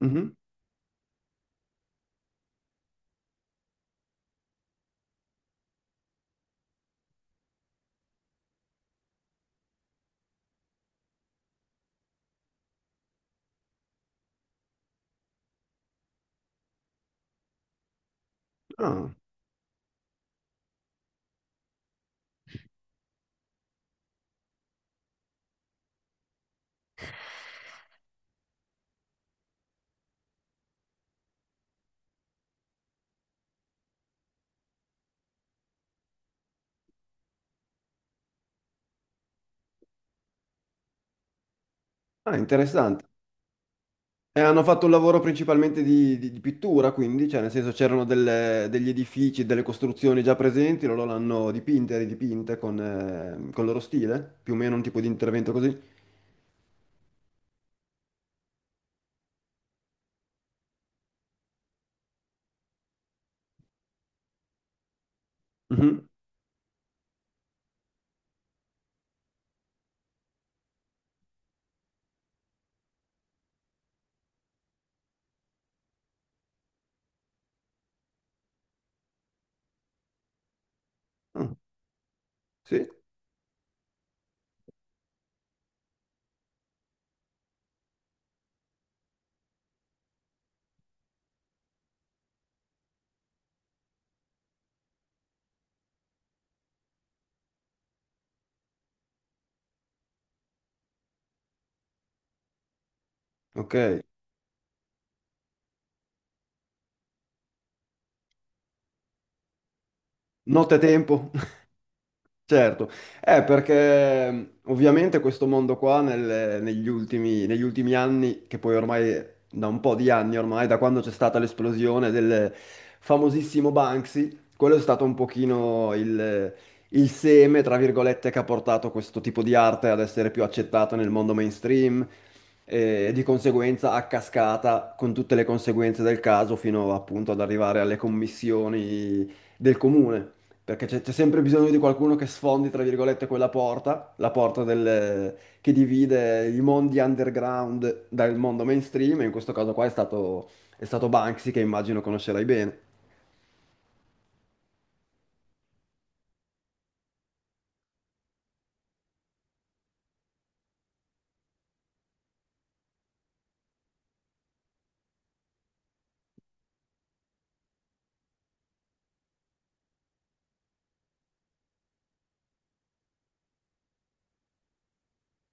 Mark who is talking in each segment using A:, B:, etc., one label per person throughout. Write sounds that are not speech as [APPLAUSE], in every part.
A: Mhm. Ah, Interessante. E hanno fatto un lavoro principalmente di pittura, quindi, cioè nel senso c'erano degli edifici, delle costruzioni già presenti, loro l'hanno dipinte, ridipinte con il loro stile, più o meno un tipo di intervento così. Mhm. Ah, sì, ok. Notte e tempo. Certo, perché ovviamente questo mondo qua negli ultimi anni, che poi ormai da un po' di anni ormai, da quando c'è stata l'esplosione del famosissimo Banksy, quello è stato un pochino il seme, tra virgolette, che ha portato questo tipo di arte ad essere più accettata nel mondo mainstream, e di conseguenza a cascata con tutte le conseguenze del caso fino appunto ad arrivare alle commissioni del comune, perché c'è sempre bisogno di qualcuno che sfondi, tra virgolette, quella porta, che divide i mondi underground dal mondo mainstream, e in questo caso qua è stato Banksy, che immagino conoscerai bene.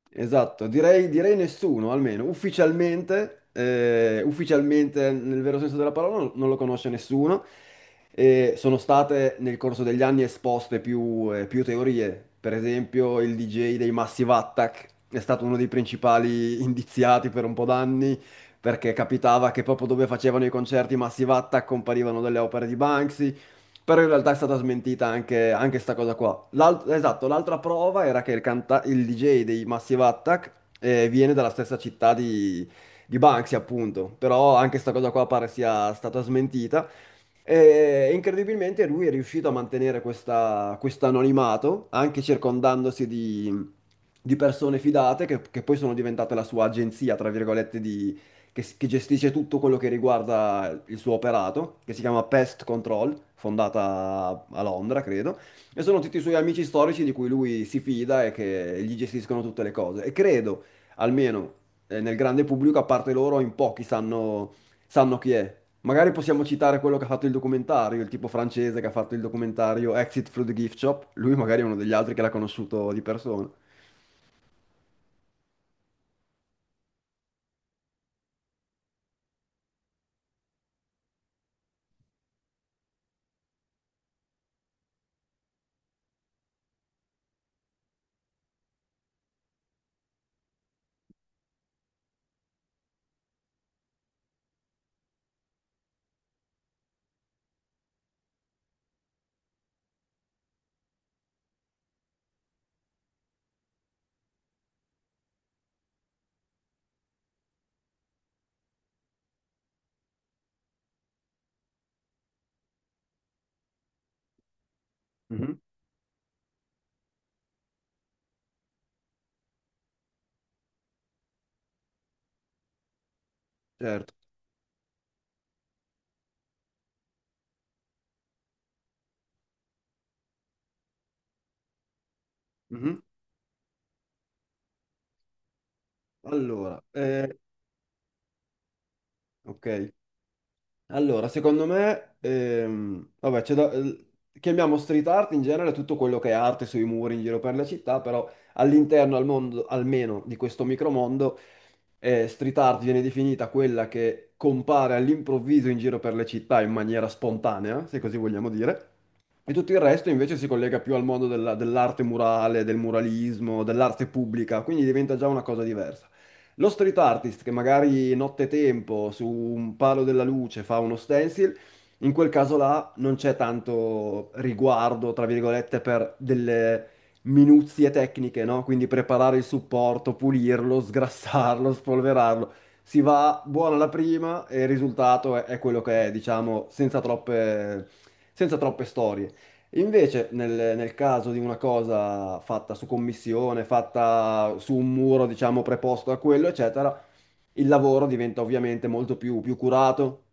A: Esatto, direi nessuno, almeno ufficialmente, ufficialmente nel vero senso della parola non lo conosce nessuno. E sono state nel corso degli anni esposte più teorie, per esempio il DJ dei Massive Attack è stato uno dei principali [LAUGHS] indiziati per un po' d'anni, perché capitava che proprio dove facevano i concerti Massive Attack comparivano delle opere di Banksy. Però in realtà è stata smentita anche sta cosa qua. Esatto, l'altra prova era che il DJ dei Massive Attack, viene dalla stessa città di Banksy, appunto. Però anche sta cosa qua pare sia stata smentita. E incredibilmente lui è riuscito a mantenere questo anonimato, anche circondandosi di persone fidate che poi sono diventate la sua agenzia, tra virgolette, che gestisce tutto quello che riguarda il suo operato, che si chiama Pest Control, fondata a Londra, credo, e sono tutti i suoi amici storici di cui lui si fida e che gli gestiscono tutte le cose. E credo, almeno, nel grande pubblico, a parte loro, sanno chi è. Magari possiamo citare quello che ha fatto il documentario, il tipo francese che ha fatto il documentario Exit through the Gift Shop. Lui magari è uno degli altri che l'ha conosciuto di persona. Mhm. Certo. Mhm. Allora, eh, ok. Allora, secondo me, vabbè, chiamiamo street art in genere tutto quello che è arte sui muri in giro per la città, però all'interno, al mondo, almeno di questo micromondo, street art viene definita quella che compare all'improvviso in giro per le città in maniera spontanea, se così vogliamo dire, e tutto il resto invece si collega più al mondo dell'arte murale, del muralismo, dell'arte pubblica, quindi diventa già una cosa diversa. Lo street artist che magari nottetempo su un palo della luce fa uno stencil, in quel caso là non c'è tanto riguardo, tra virgolette, per delle minuzie tecniche, no? Quindi preparare il supporto, pulirlo, [LAUGHS] sgrassarlo, spolverarlo. Si va buona la prima e il risultato è quello che è, diciamo, senza troppe storie. Invece, nel caso di una cosa fatta su commissione, fatta su un muro, diciamo, preposto a quello, eccetera, il lavoro diventa ovviamente più curato.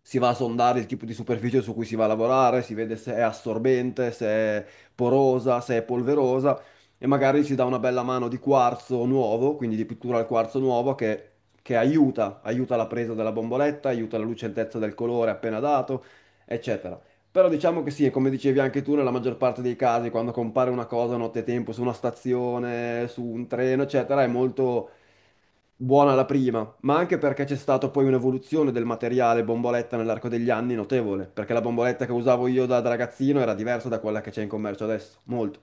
A: Si va a sondare il tipo di superficie su cui si va a lavorare, si vede se è assorbente, se è porosa, se è polverosa, e magari si dà una bella mano di quarzo nuovo, quindi di pittura al quarzo nuovo, che aiuta, aiuta la presa della bomboletta, aiuta la lucentezza del colore appena dato, eccetera. Però diciamo che sì, e come dicevi anche tu, nella maggior parte dei casi, quando compare una cosa a nottetempo su una stazione, su un treno, eccetera, è molto buona la prima, ma anche perché c'è stata poi un'evoluzione del materiale bomboletta nell'arco degli anni notevole, perché la bomboletta che usavo io da ragazzino era diversa da quella che c'è in commercio adesso, molto.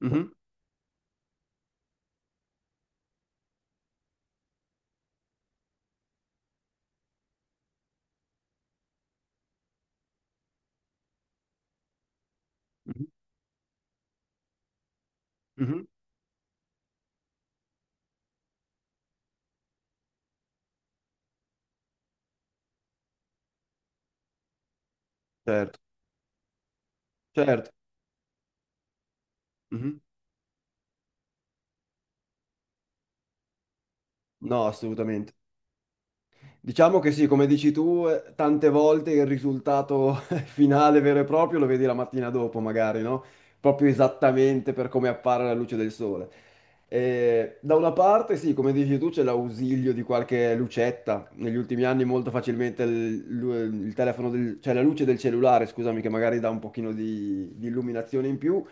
A: Mhm, mhm, mhm. Certo, certo. Mhm. No, assolutamente. Diciamo che sì, come dici tu, tante volte il risultato [LAUGHS] finale vero e proprio lo vedi la mattina dopo, magari, no? Proprio esattamente per come appare alla luce del sole. Da una parte, sì, come dici tu, c'è l'ausilio di qualche lucetta. Negli ultimi anni molto facilmente il, lu- il telefono del- cioè la luce del cellulare, scusami, che magari dà un pochino di illuminazione in più.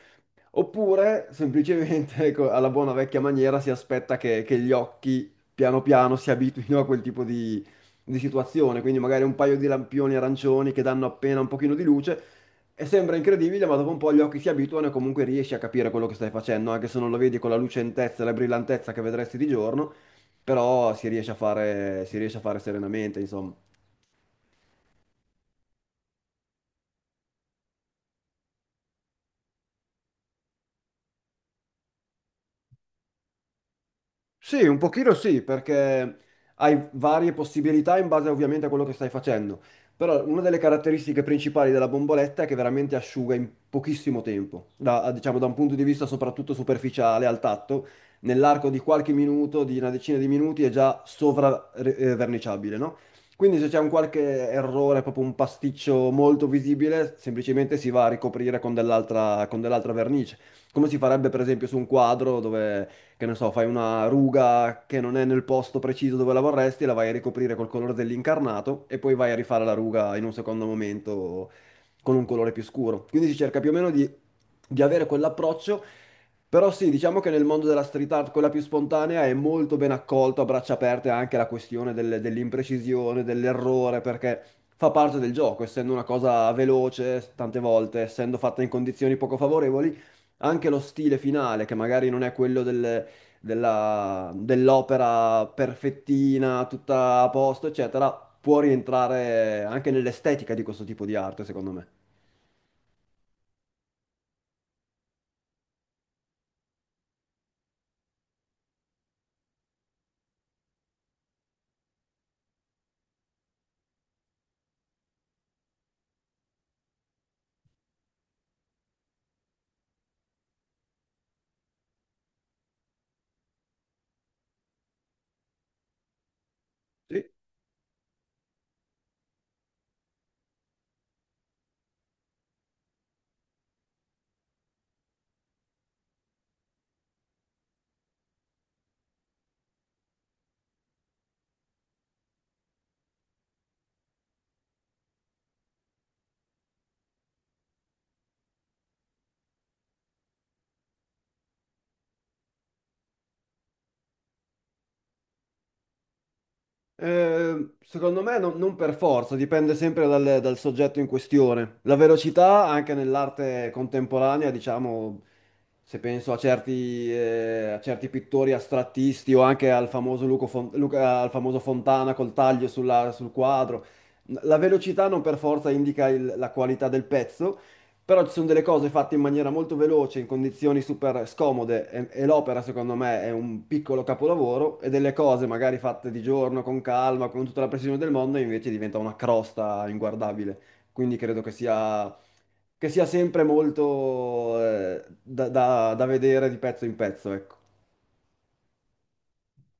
A: Oppure semplicemente [LAUGHS] ecco, alla buona vecchia maniera si aspetta che gli occhi piano piano si abituino a quel tipo di situazione, quindi magari un paio di lampioni arancioni che danno appena un pochino di luce, e sembra incredibile, ma dopo un po' gli occhi si abituano e comunque riesci a capire quello che stai facendo, anche se non lo vedi con la lucentezza e la brillantezza che vedresti di giorno, però si riesce a fare, si riesce a fare serenamente, insomma. Sì, un pochino sì, perché hai varie possibilità in base ovviamente a quello che stai facendo. Però una delle caratteristiche principali della bomboletta è che veramente asciuga in pochissimo tempo, diciamo da un punto di vista soprattutto superficiale al tatto, nell'arco di qualche minuto, di una decina di minuti è già sovraverniciabile, no? Quindi se c'è un qualche errore, proprio un pasticcio molto visibile, semplicemente si va a ricoprire con dell'altra vernice, come si farebbe per esempio su un quadro dove, che ne so, fai una ruga che non è nel posto preciso dove la vorresti, e la vai a ricoprire col colore dell'incarnato e poi vai a rifare la ruga in un secondo momento con un colore più scuro. Quindi si cerca più o meno di avere quell'approccio, però sì, diciamo che nel mondo della street art, quella più spontanea, è molto ben accolto a braccia aperte anche la questione dell'imprecisione, dell'errore, perché fa parte del gioco, essendo una cosa veloce, tante volte, essendo fatta in condizioni poco favorevoli, anche lo stile finale, che magari non è quello dell'opera perfettina, tutta a posto, eccetera, può rientrare anche nell'estetica di questo tipo di arte, secondo me. Sì. Secondo me non per forza, dipende sempre dal soggetto in questione. La velocità, anche nell'arte contemporanea, diciamo, se penso a certi pittori astrattisti o anche al famoso, Luco Fon- Luca- al famoso Fontana col taglio sul quadro, la velocità non per forza indica la qualità del pezzo. Però ci sono delle cose fatte in maniera molto veloce, in condizioni super scomode e l'opera secondo me è un piccolo capolavoro, e delle cose magari fatte di giorno, con calma, con tutta la precisione del mondo, invece diventa una crosta inguardabile. Quindi credo che sia sempre molto da vedere di pezzo in pezzo, ecco.